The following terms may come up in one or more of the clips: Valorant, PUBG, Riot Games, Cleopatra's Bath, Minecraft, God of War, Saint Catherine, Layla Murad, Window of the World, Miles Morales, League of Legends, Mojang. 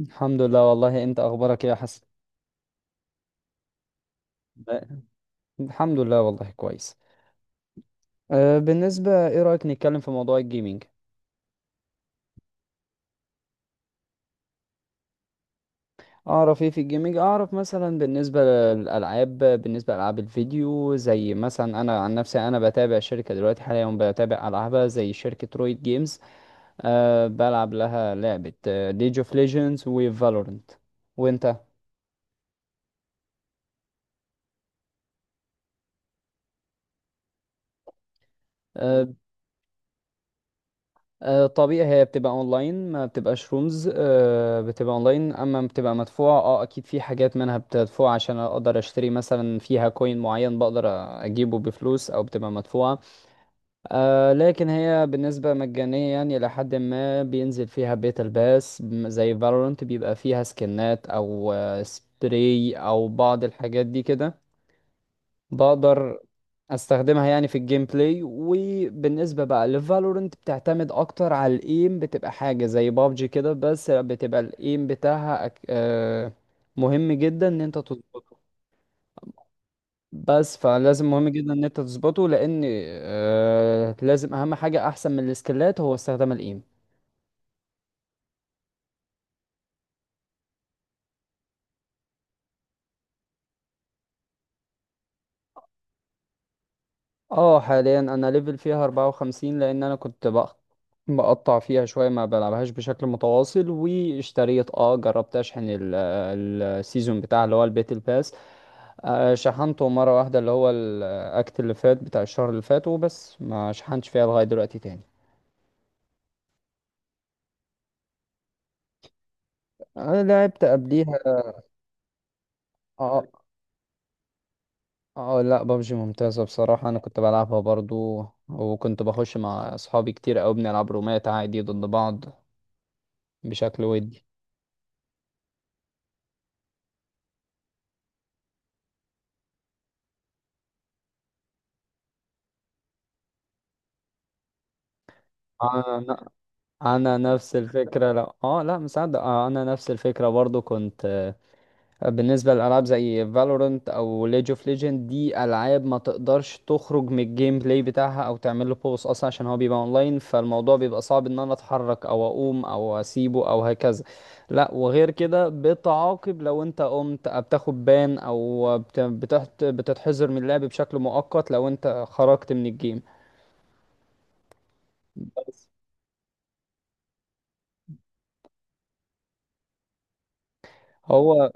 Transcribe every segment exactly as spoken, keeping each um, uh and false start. الحمد لله، والله. انت اخبارك ايه يا حسن؟ الحمد لله، والله كويس. أه بالنسبة، ايه رأيك نتكلم في موضوع الجيمينج؟ اعرف ايه في الجيمينج. اعرف مثلا بالنسبة للالعاب، بالنسبة لالعاب الفيديو، زي مثلا انا عن نفسي، انا بتابع شركة دلوقتي، حاليا بتابع العابها، زي شركة رويد جيمز. أه بلعب لها لعبة ليج اوف ليجندز وفالورنت. وانت؟ أه آه، طبيعي، هي بتبقى اونلاين، ما بتبقاش رومز. آه، بتبقى اونلاين. اما بتبقى مدفوعة، اه اكيد، في حاجات منها بتدفع عشان اقدر اشتري مثلا فيها كوين معين، بقدر اجيبه بفلوس، او بتبقى مدفوعة. آه، لكن هي بالنسبة مجانية، يعني لحد ما بينزل فيها بيتا الباس، م- زي فالورانت بيبقى فيها سكنات او آه، سبراي او بعض الحاجات دي كده، بقدر استخدمها يعني في الجيم بلاي. وبالنسبة بقى لفالورنت، بتعتمد اكتر على الايم، بتبقى حاجة زي بابجي كده، بس بتبقى الايم بتاعها أك... آه، مهم جدا ان انت تظبطه. بس فلازم مهم جدا ان انت تظبطه لان آه، لازم اهم حاجة، احسن من السكيلات، هو استخدام الايم. اه حاليا انا ليفل فيها أربعة وخمسين، لان انا كنت بق- بقطع فيها شوية، ما بلعبهاش بشكل متواصل. واشتريت، اه جربت اشحن ال- السيزون بتاع اللي هو الباتل باس. آه، شحنته مرة واحدة، اللي هو الاكت اللي فات بتاع الشهر اللي فات، وبس. ما شحنتش فيها لغاية دلوقتي تاني. انا لعبت قبليها. اه، اه، لا ببجي ممتازة بصراحة، انا كنت بلعبها برضو، وكنت بخش مع اصحابي كتير اوي، بنلعب رومات عادي ضد بعض بشكل ودي. انا نفس الفكره، لا اه لا مصدق. آه انا نفس الفكره برضو كنت. آه، بالنسبه لالعاب زي فالورنت او ليج اوف ليجند، دي العاب ما تقدرش تخرج من الجيم بلاي بتاعها او تعمل له بوز اصلا، عشان هو بيبقى اونلاين، فالموضوع بيبقى صعب ان انا اتحرك او اقوم او اسيبه او هكذا. لا وغير كده بتعاقب، لو انت قمت آه، بتاخد بان، او بت- بتحت- بتتحذر من اللعب بشكل مؤقت لو انت خرجت من الجيم. بس هو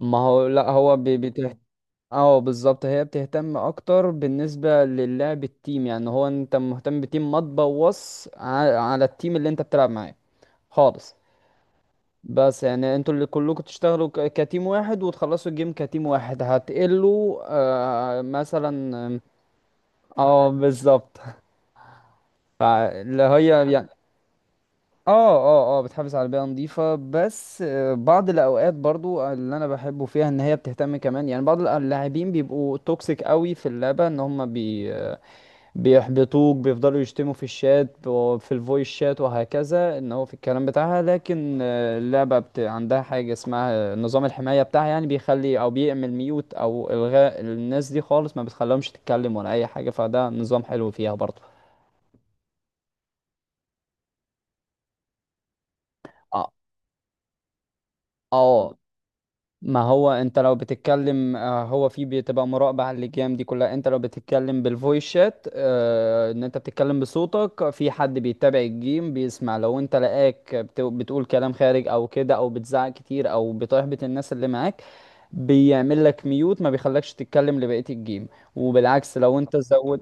ما هو لا هو. اه بالظبط، هي بتهتم اكتر بالنسبه للعب التيم، يعني هو انت مهتم بتيم، ما تبوظ ع- على التيم اللي انت بتلعب معاه خالص. بس يعني انتوا اللي كلكم تشتغلوا ك- كتيم واحد، وتخلصوا الجيم كتيم واحد، هتقلوا آه مثلا. اه بالظبط فاللي هي يعني، اه اه اه بتحافظ على بيئة نظيفة. بس آه، بعض الأوقات برضو اللي أنا بحبه فيها، إن هي بتهتم كمان، يعني بعض اللاعبين بيبقوا توكسيك قوي في اللعبة، إن هم بي بيحبطوك، بيفضلوا يشتموا في الشات وفي الفويس شات وهكذا، ان هو في الكلام بتاعها. لكن آه، اللعبة بت... عندها حاجة اسمها نظام الحماية بتاعها، يعني بيخلي او بيعمل ميوت او الغاء الناس دي خالص، ما بتخليهمش تتكلم ولا اي حاجة، فده نظام حلو فيها برضه. اه ما هو انت لو بتتكلم، آه، هو في بتبقى مراقبة على اللجام دي كلها. انت لو بتتكلم بالفويس شات، آه، ان انت بتتكلم بصوتك، في حد بيتابع الجيم بيسمع، لو انت لقاك بت- بتقول كلام خارج او كده، او بتزعق كتير او بتحبط الناس اللي معاك، بيعمل لك ميوت، ما بيخلكش تتكلم لبقية الجيم. وبالعكس لو انت زود.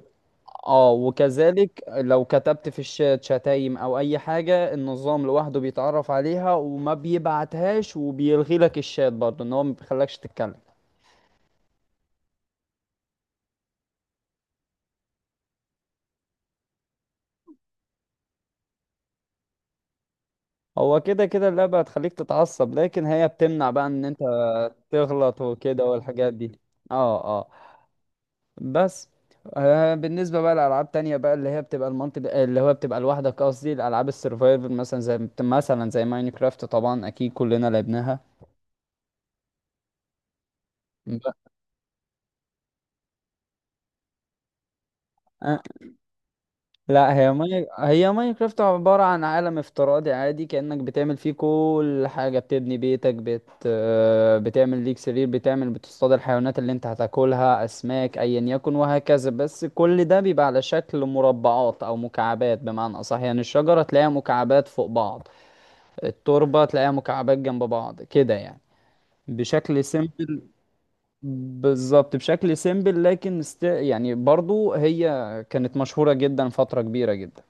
اه وكذلك لو كتبت في الشات شتايم او اي حاجة، النظام لوحده بيتعرف عليها وما بيبعتهاش، وبيلغي لك الشات برضه، ان هو ما بيخلكش تتكلم. هو كده كده اللعبة هتخليك تتعصب، لكن هي بتمنع بقى ان انت تغلط وكده والحاجات دي. اه. آه. بس آه، بالنسبة بقى لألعاب تانية بقى، اللي هي بتبقى المالتي، اللي هو بتبقى لوحدك، قصدي الألعاب السرفايفل مثلا، زي مثلا زي ماينكرافت طبعا، أكيد كلنا لعبناها. ب- آه، لا هي ماي... هي ماينكرافت عبارة عن عالم افتراضي عادي، كأنك بتعمل فيه كل حاجة، بتبني بيتك، بت... آه، بتعمل ليك سرير، بتعمل بتصطاد الحيوانات اللي انت هتاكلها، أسماك أيا يكن وهكذا. بس كل ده بيبقى على شكل مربعات أو مكعبات بمعنى أصح، يعني الشجرة تلاقيها مكعبات فوق بعض، التربة تلاقيها مكعبات جنب بعض كده يعني، بشكل سيمبل. بالظبط بشكل سيمبل. لكن است... يعني برضو هي كانت مشهورة جدا فترة كبيرة جدا،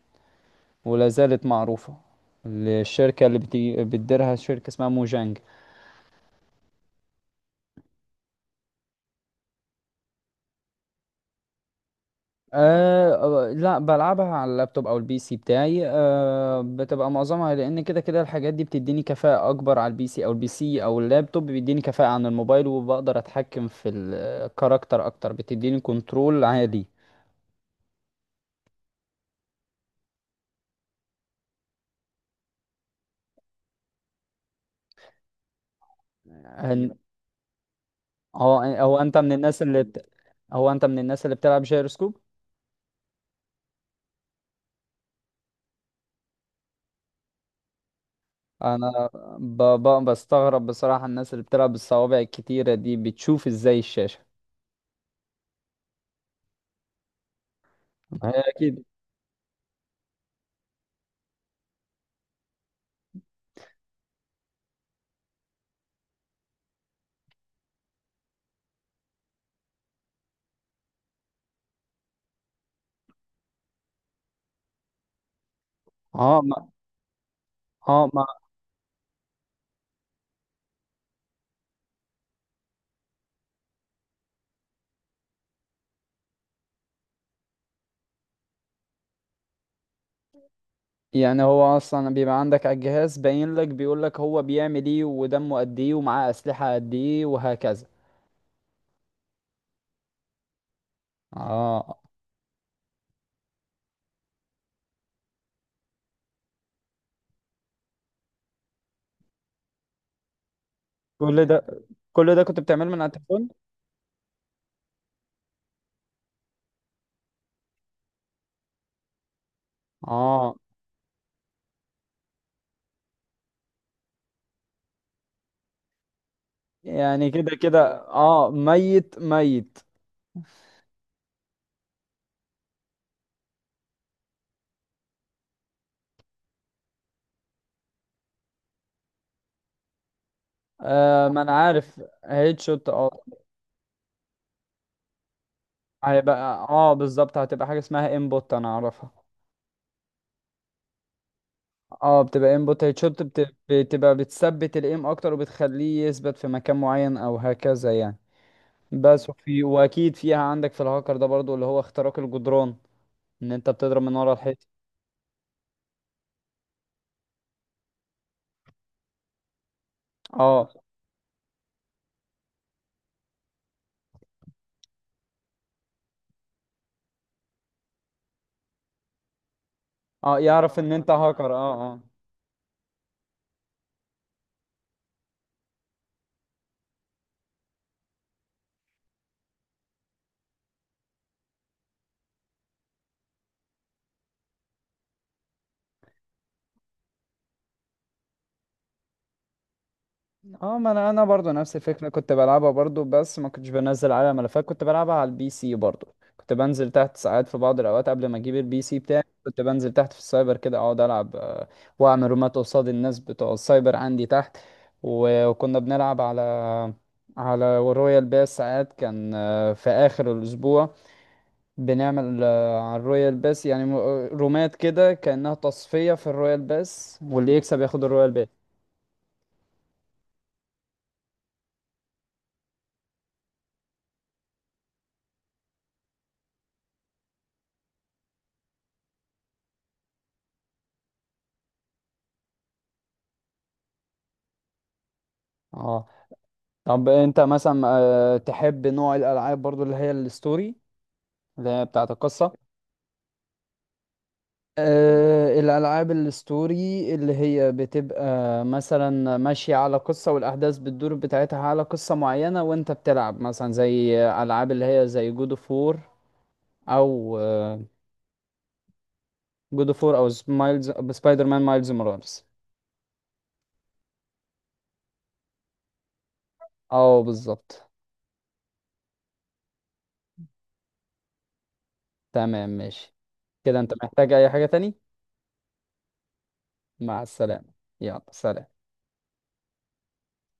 ولا زالت معروفة للشركة اللي بتي... بتديرها، شركة اسمها موجانج. أه آه، لا بلعبها على اللابتوب او البي سي بتاعي. أه بتبقى معظمها، لان كده كده الحاجات دي بتديني كفاءة اكبر على البي سي، او البي سي او اللابتوب بيديني كفاءة عن الموبايل، وبقدر اتحكم في الكاركتر اكتر، بتديني كنترول عالي. هن- هو هو انت من الناس اللي بت... هو انت من الناس اللي بتلعب جيروسكوب؟ انا ب... ب... بستغرب بصراحة الناس اللي بتلعب بالصوابع الكتيرة دي، بتشوف ازاي الشاشة. ما هي اكيد. اه ما اه ما يعني هو اصلا بيبقى عندك على الجهاز باين لك، بيقول لك هو بيعمل ايه، ودمه قد ايه، ومعاه اسلحة قد ايه، وهكذا. اه كل ده، كل ده كنت بتعمله من على التليفون. اه يعني كده كده اه ميت ميت. آه ما انا عارف هيد شوت، اه. هيبقى، اه بالظبط، هتبقى حاجة اسمها انبوت، انا اعرفها. اه بتبقى انبوت هيدشوت، بت... بتبقى بتثبت الايم اكتر، وبتخليه يثبت في مكان معين او هكذا يعني. بس وفي واكيد فيها عندك في الهاكر ده برضو، اللي هو اختراق الجدران، ان انت بتضرب من ورا الحيط. اه اه يعرف ان انت هاكر، اه اه. اه ما انا انا برضو نفس الفكره كنت بلعبها برضو، بس ما كنتش بنزل عليها ملفات، كنت بلعبها على البي سي برضو. كنت بنزل تحت ساعات في بعض الاوقات قبل ما اجيب البي سي بتاعي، كنت بنزل تحت في السايبر كده اقعد العب، آه، واعمل رومات قصاد الناس بتوع السايبر عندي تحت. و- وكنا بنلعب على على رويال باس ساعات، كان آه، في اخر الاسبوع بنعمل آه، على الرويال باس يعني م- رومات كده كانها تصفيه في الرويال باس، واللي يكسب ياخد الرويال باس. اه طب انت مثلا آه، تحب نوع الالعاب برضو اللي هي الستوري، اللي هي بتاعت القصه؟ أه الالعاب الستوري اللي هي بتبقى مثلا ماشيه على قصه، والاحداث بتدور بتاعتها على قصه معينه، وانت بتلعب مثلا زي العاب اللي هي زي جود اوف وور، او جود اوف وور او مايلز سبايدر مان مايلز مورالز. اه بالظبط. تمام ماشي. كده انت محتاج اي حاجه تاني؟ مع السلامه. يلا سلام.